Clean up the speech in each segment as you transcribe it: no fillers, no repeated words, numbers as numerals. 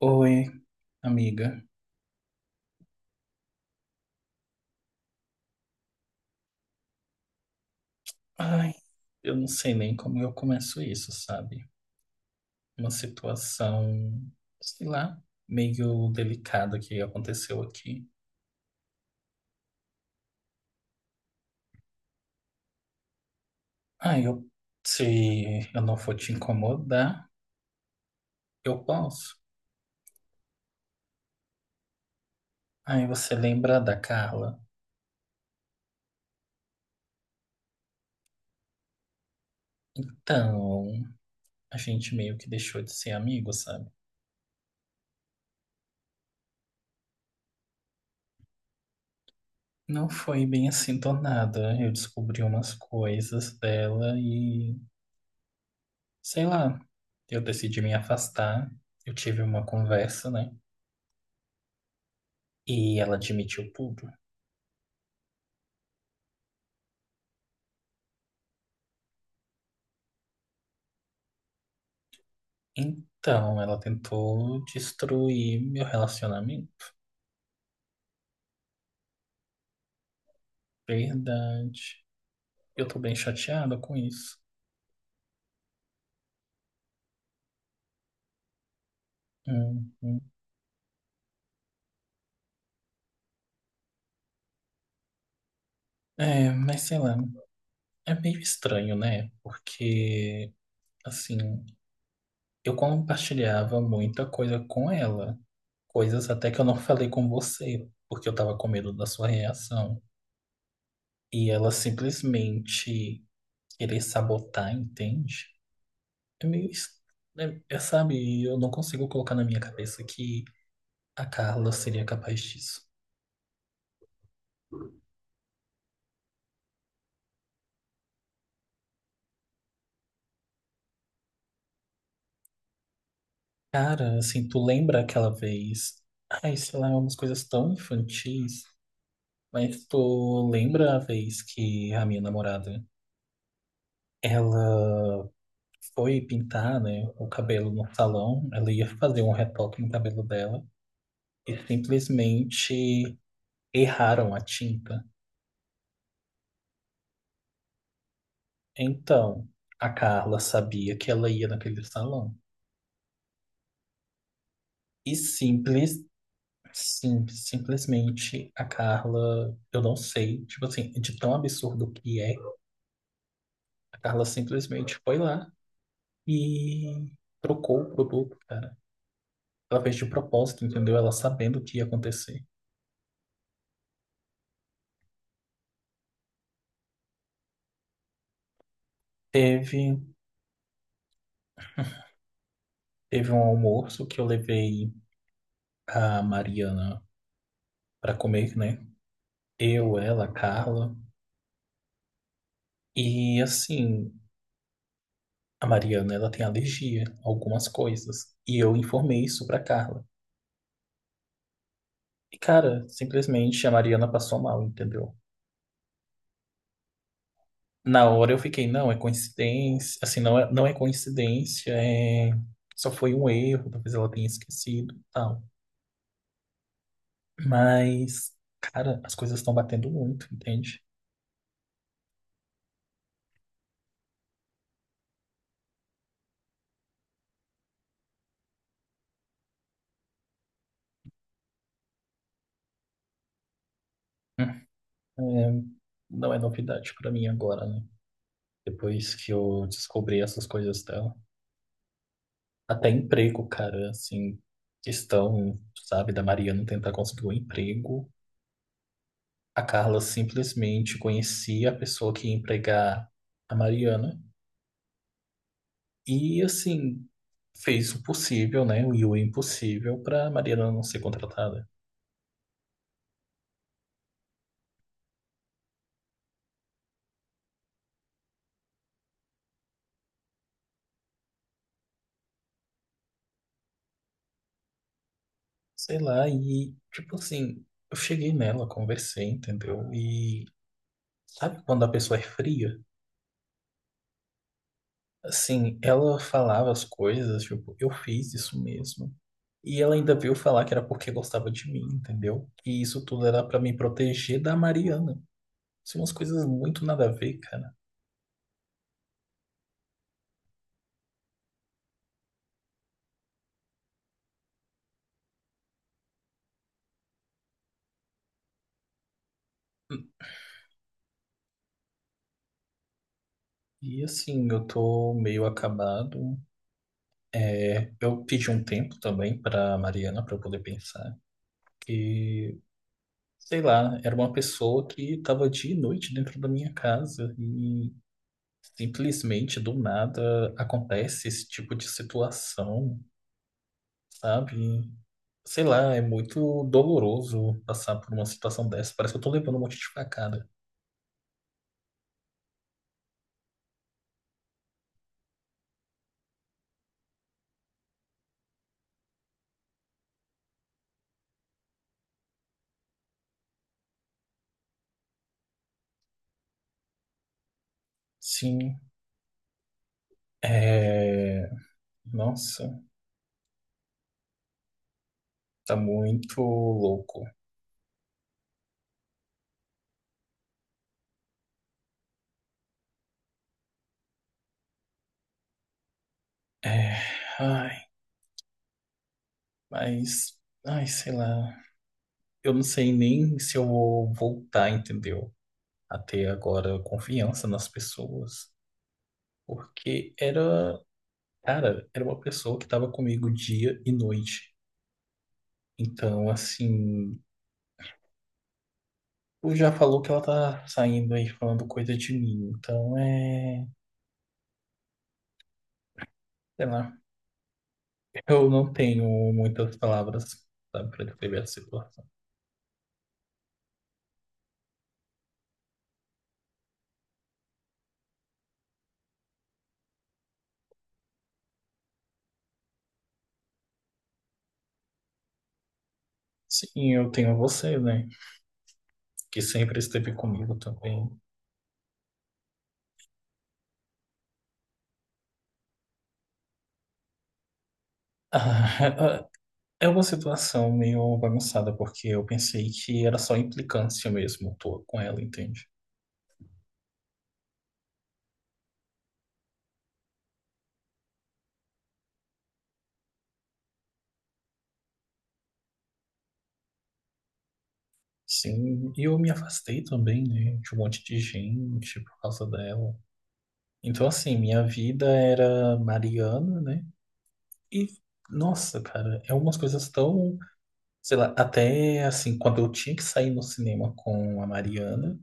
Oi, amiga. Ai, eu não sei nem como eu começo isso, sabe? Uma situação, sei lá, meio delicada que aconteceu aqui. Ai, eu, se eu não for te incomodar, eu posso. Ai, você lembra da Carla? Então, a gente meio que deixou de ser amigo, sabe? Não foi bem assim do nada. Eu descobri umas coisas dela e sei lá, eu decidi me afastar. Eu tive uma conversa, né? E ela admitiu tudo. Então, ela tentou destruir meu relacionamento. Verdade. Eu tô bem chateada com isso. Uhum. É, mas sei lá, é meio estranho, né? Porque, assim, eu compartilhava muita coisa com ela. Coisas até que eu não falei com você, porque eu tava com medo da sua reação. E ela simplesmente querer sabotar, entende? É meio. es- sabe, eu não consigo colocar na minha cabeça que a Carla seria capaz disso. Cara, assim, tu lembra aquela vez. Ai, sei lá, umas coisas tão infantis. Mas tu lembra a vez que a minha namorada, ela foi pintar, né, o cabelo no salão, ela ia fazer um retoque no cabelo dela e simplesmente erraram a tinta. Então, a Carla sabia que ela ia naquele salão. E simples, sim, simplesmente a Carla, eu não sei, tipo assim, de tão absurdo que é, a Carla simplesmente foi lá e trocou o produto, cara. Ela fez de propósito, entendeu? Ela sabendo o que ia acontecer. Teve, teve um almoço que eu levei a Mariana pra comer, né? Eu, ela, a Carla. E assim. A Mariana, ela tem alergia a algumas coisas. E eu informei isso pra Carla. E, cara, simplesmente a Mariana passou mal, entendeu? Na hora eu fiquei, não, é coincidência. Assim, não é coincidência, é... Só foi um erro, talvez ela tenha esquecido, e tal. Mas, cara, as coisas estão batendo muito, entende? É, não é novidade pra mim agora, né? Depois que eu descobri essas coisas dela. Até emprego, cara, assim, questão, sabe, da Mariana tentar conseguir um emprego. A Carla simplesmente conhecia a pessoa que ia empregar a Mariana e, assim, fez o possível, né, e o impossível pra Mariana não ser contratada. Sei lá, e, tipo assim, eu cheguei nela, conversei, entendeu? E sabe quando a pessoa é fria? Assim, ela falava as coisas, tipo, eu fiz isso mesmo. E ela ainda veio falar que era porque gostava de mim, entendeu? Que isso tudo era pra me proteger da Mariana. São umas coisas muito nada a ver, cara. E assim, eu tô meio acabado. É, eu pedi um tempo também pra Mariana pra eu poder pensar que, sei lá, era uma pessoa que tava dia e noite dentro da minha casa e simplesmente do nada acontece esse tipo de situação, sabe? Sei lá, é muito doloroso passar por uma situação dessa. Parece que eu tô levando um monte de facada. Sim, é... Nossa, tá muito louco. É... Ai, mas... Ai, sei lá. Eu não sei nem se eu vou voltar, entendeu? A ter agora confiança nas pessoas. Porque era... Cara, era uma pessoa que tava comigo dia e noite. Então, assim... Tu já falou que ela tá saindo aí falando coisa de mim, então é. Sei lá, eu não tenho muitas palavras, sabe, pra descrever a situação. Sim, eu tenho você, né, que sempre esteve comigo também. Ah, é uma situação meio bagunçada, porque eu pensei que era só implicância mesmo tô com ela, entende? Sim, e eu me afastei também, né, de um monte de gente por causa dela. Então, assim, minha vida era Mariana, né? E, nossa, cara, é umas coisas tão, sei lá, até assim, quando eu tinha que sair no cinema com a Mariana,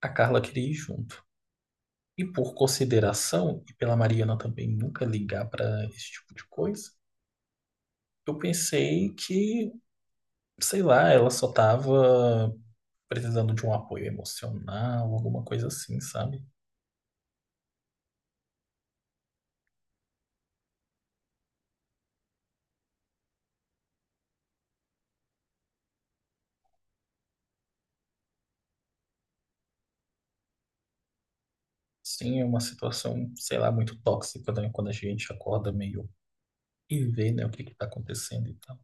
a Carla queria ir junto. E por consideração, e pela Mariana também nunca ligar pra esse tipo de coisa, eu pensei que, sei lá, ela só tava precisando de um apoio emocional, alguma coisa assim, sabe? Sim, é uma situação, sei lá, muito tóxica, né? Quando a gente acorda meio e vê, né, o que que tá acontecendo e tal.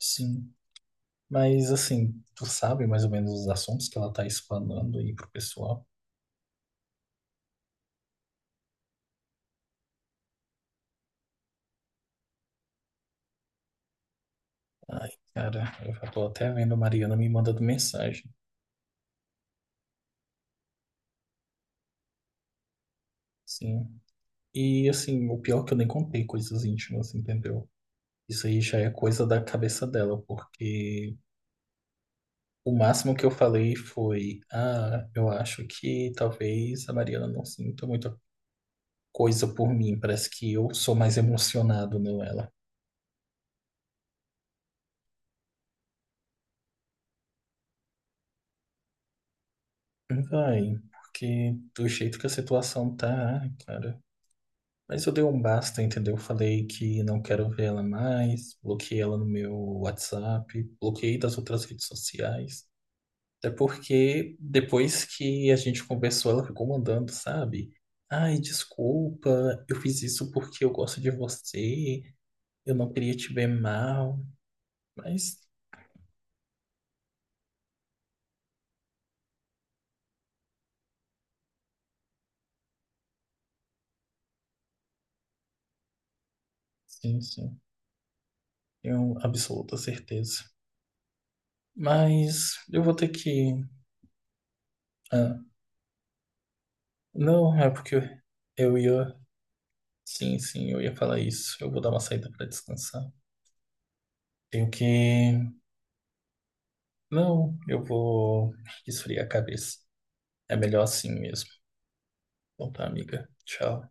Sim. Mas assim, tu sabe mais ou menos os assuntos que ela tá explanando aí pro pessoal. Ai, cara, eu já tô até vendo a Mariana me mandando mensagem. Sim. E assim, o pior é que eu nem contei coisas íntimas, entendeu? Isso aí já é coisa da cabeça dela, porque o máximo que eu falei foi, ah, eu acho que talvez a Mariana não sinta muita coisa por mim. Parece que eu sou mais emocionado nela. Vai, porque do jeito que a situação tá, cara. Mas eu dei um basta, entendeu? Falei que não quero ver ela mais, bloqueei ela no meu WhatsApp, bloqueei das outras redes sociais. Até porque depois que a gente conversou, ela ficou mandando, sabe? Ai, desculpa, eu fiz isso porque eu gosto de você, eu não queria te ver mal. Mas, sim, sim, tenho absoluta certeza. Mas eu vou ter que. Ah, não, é porque eu ia sim, sim, eu ia falar isso. Eu vou dar uma saída para descansar. Tenho que. Não, eu vou esfriar a cabeça. É melhor assim mesmo. Bom, tá, amiga. Tchau.